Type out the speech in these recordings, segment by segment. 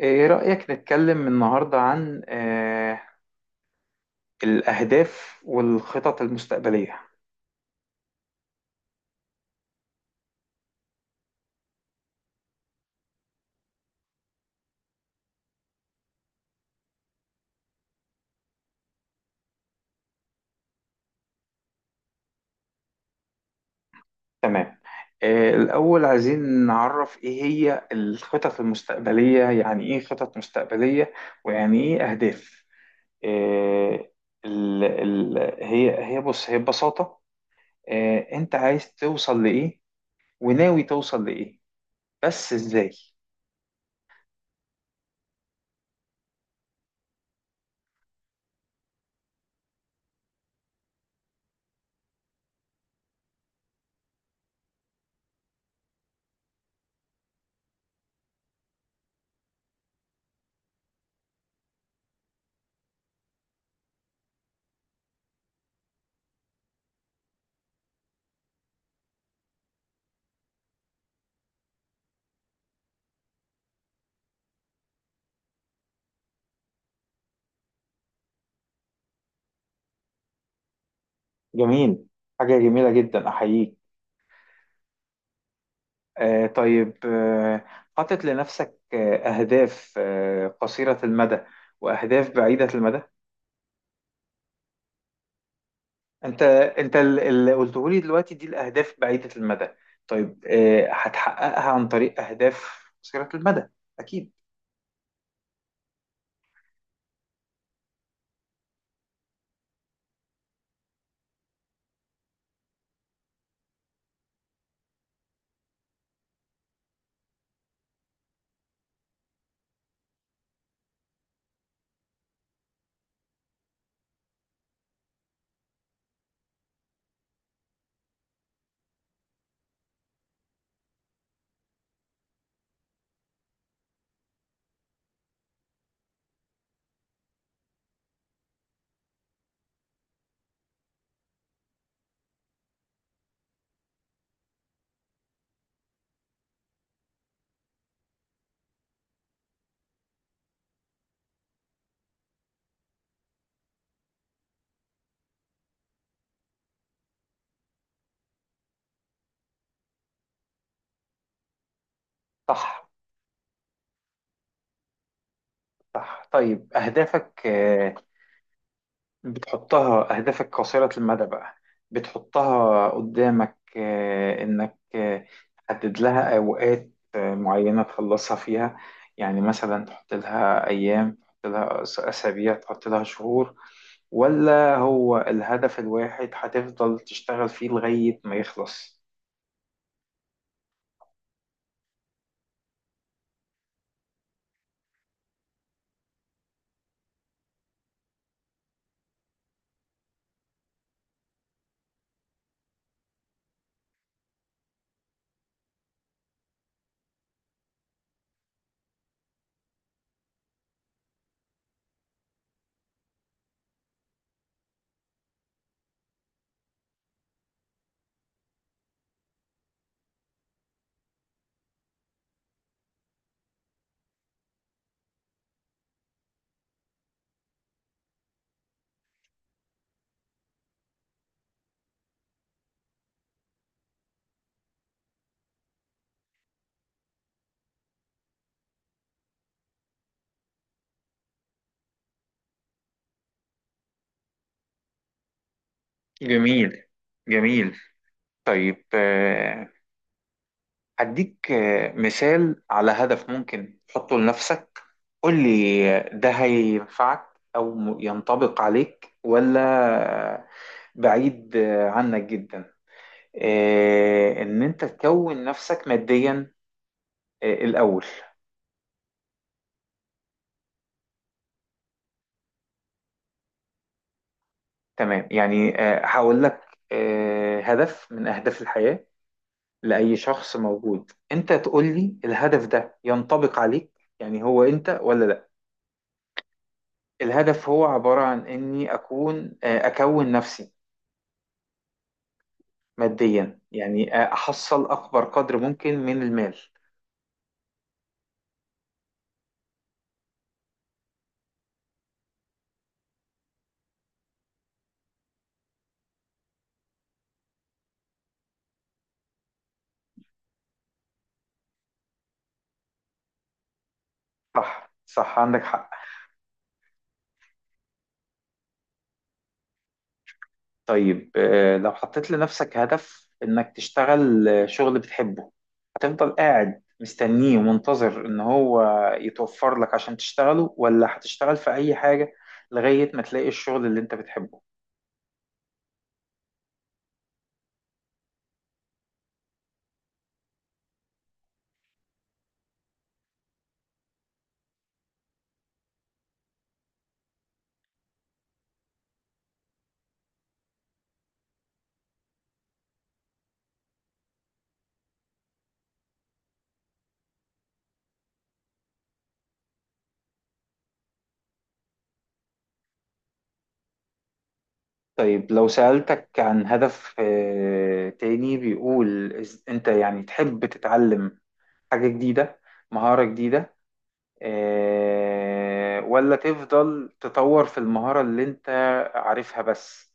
إيه رأيك نتكلم النهاردة عن الأهداف والخطط المستقبلية؟ تمام. الأول عايزين نعرف إيه هي الخطط المستقبلية، يعني إيه خطط مستقبلية ويعني إيه أهداف؟ آه، ال ال هي هي بص هي ببساطة. أنت عايز توصل لإيه وناوي توصل لإيه؟ بس إزاي؟ جميل، حاجة جميلة جدا أحييك. طيب، حاطط لنفسك أهداف قصيرة المدى وأهداف بعيدة المدى. أنت أنت اللي قلته لي دلوقتي دي الأهداف بعيدة المدى. طيب، هتحققها عن طريق أهداف قصيرة المدى، أكيد؟ صح، صح. طيب، أهدافك آه، بتحطها أهدافك قصيرة المدى بقى، بتحطها قدامك، إنك تحدد لها أوقات معينة تخلصها فيها. يعني مثلا تحط لها أيام، تحط لها أسابيع، تحط لها شهور، ولا هو الهدف الواحد هتفضل تشتغل فيه لغاية ما يخلص؟ جميل، جميل. طيب، هديك مثال على هدف ممكن تحطه لنفسك. قول لي ده هينفعك أو ينطبق عليك، ولا آه، بعيد عنك جدا؟ إن أنت تكون نفسك ماديا الأول. تمام. يعني هقول لك هدف من أهداف الحياة لأي شخص موجود، أنت تقول لي الهدف ده ينطبق عليك، يعني هو أنت، ولا؟ الهدف هو عبارة عن إني أكون نفسي ماديا، يعني أحصل أكبر قدر ممكن من المال. صح، صح، عندك حق. طيب، لو حطيت لنفسك هدف إنك تشتغل شغل بتحبه، هتفضل قاعد مستنيه ومنتظر إن هو يتوفر لك عشان تشتغله، ولا هتشتغل في أي حاجة لغاية ما تلاقي الشغل اللي أنت بتحبه؟ طيب، لو سألتك عن هدف تاني بيقول أنت يعني تحب تتعلم حاجة جديدة، مهارة جديدة، ولا تفضل تطور في المهارة اللي انت عارفها بس؟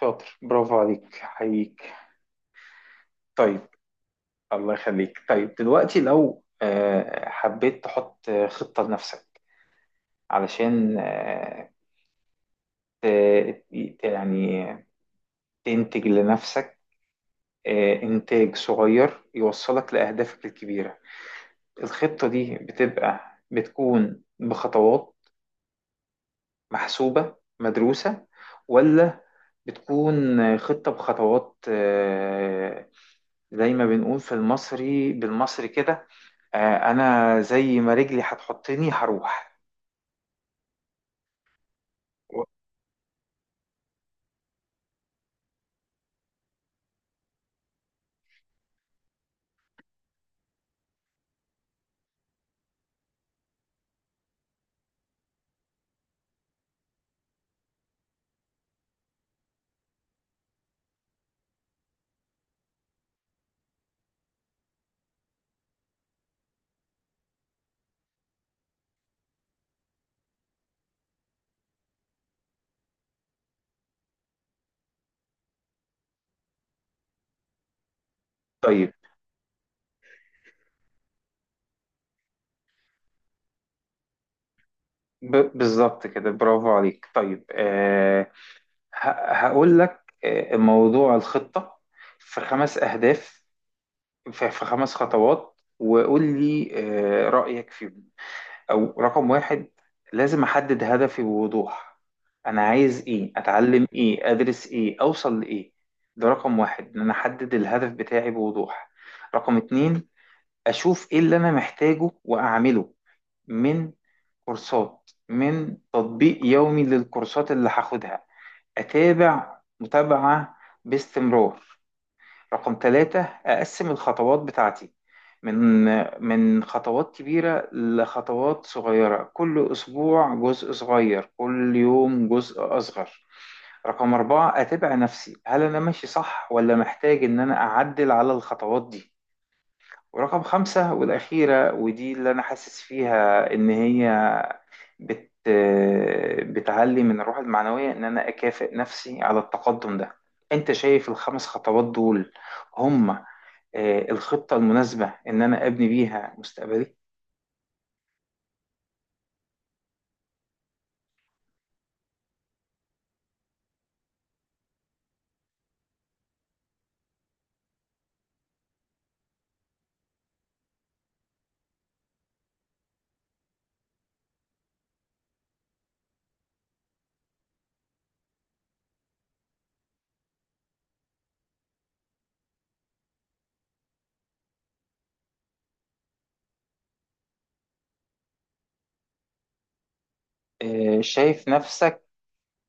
شاطر، برافو عليك حقيقي. طيب. الله يخليك. طيب دلوقتي، لو حبيت تحط خطة لنفسك علشان ت- يعني تنتج لنفسك إنتاج صغير يوصلك لأهدافك الكبيرة، الخطة دي بتكون بخطوات محسوبة مدروسة، ولا بتكون خطة بخطوات زي ما بنقول في المصري بالمصري كده، أنا زي ما رجلي هتحطني هروح؟ طيب، بالظبط كده، برافو عليك. طيب هقول لك موضوع الخطة في خمس أهداف، في خمس خطوات، وقول لي رأيك فيهم. او رقم واحد: لازم احدد هدفي بوضوح، انا عايز ايه، اتعلم ايه، ادرس ايه، اوصل لايه. ده رقم واحد، ان انا احدد الهدف بتاعي بوضوح. رقم اتنين: اشوف ايه اللي انا محتاجه واعمله، من كورسات، من تطبيق يومي للكورسات اللي هاخدها، اتابع متابعة باستمرار. رقم ثلاثة: أقسم الخطوات بتاعتي من من خطوات كبيرة لخطوات صغيرة، كل أسبوع جزء صغير، كل يوم جزء أصغر. رقم أربعة: أتابع نفسي، هل أنا ماشي صح ولا محتاج إن أنا أعدل على الخطوات دي. ورقم خمسة والأخيرة، ودي اللي أنا حاسس فيها إن هي بت بتعلي من الروح المعنوية، إن أنا أكافئ نفسي على التقدم ده. أنت شايف الخمس خطوات دول هم الخطة المناسبة إن أنا أبني بيها مستقبلي؟ شايف نفسك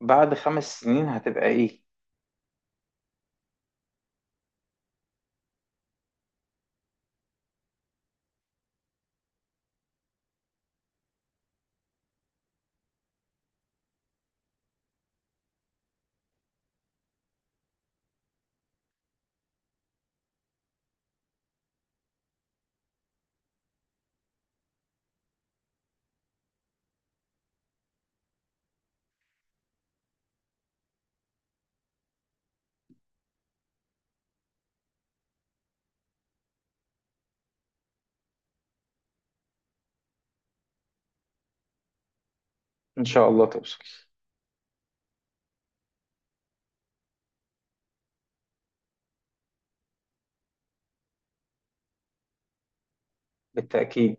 بعد 5 سنين هتبقى إيه؟ إن شاء الله توصل. بالتأكيد.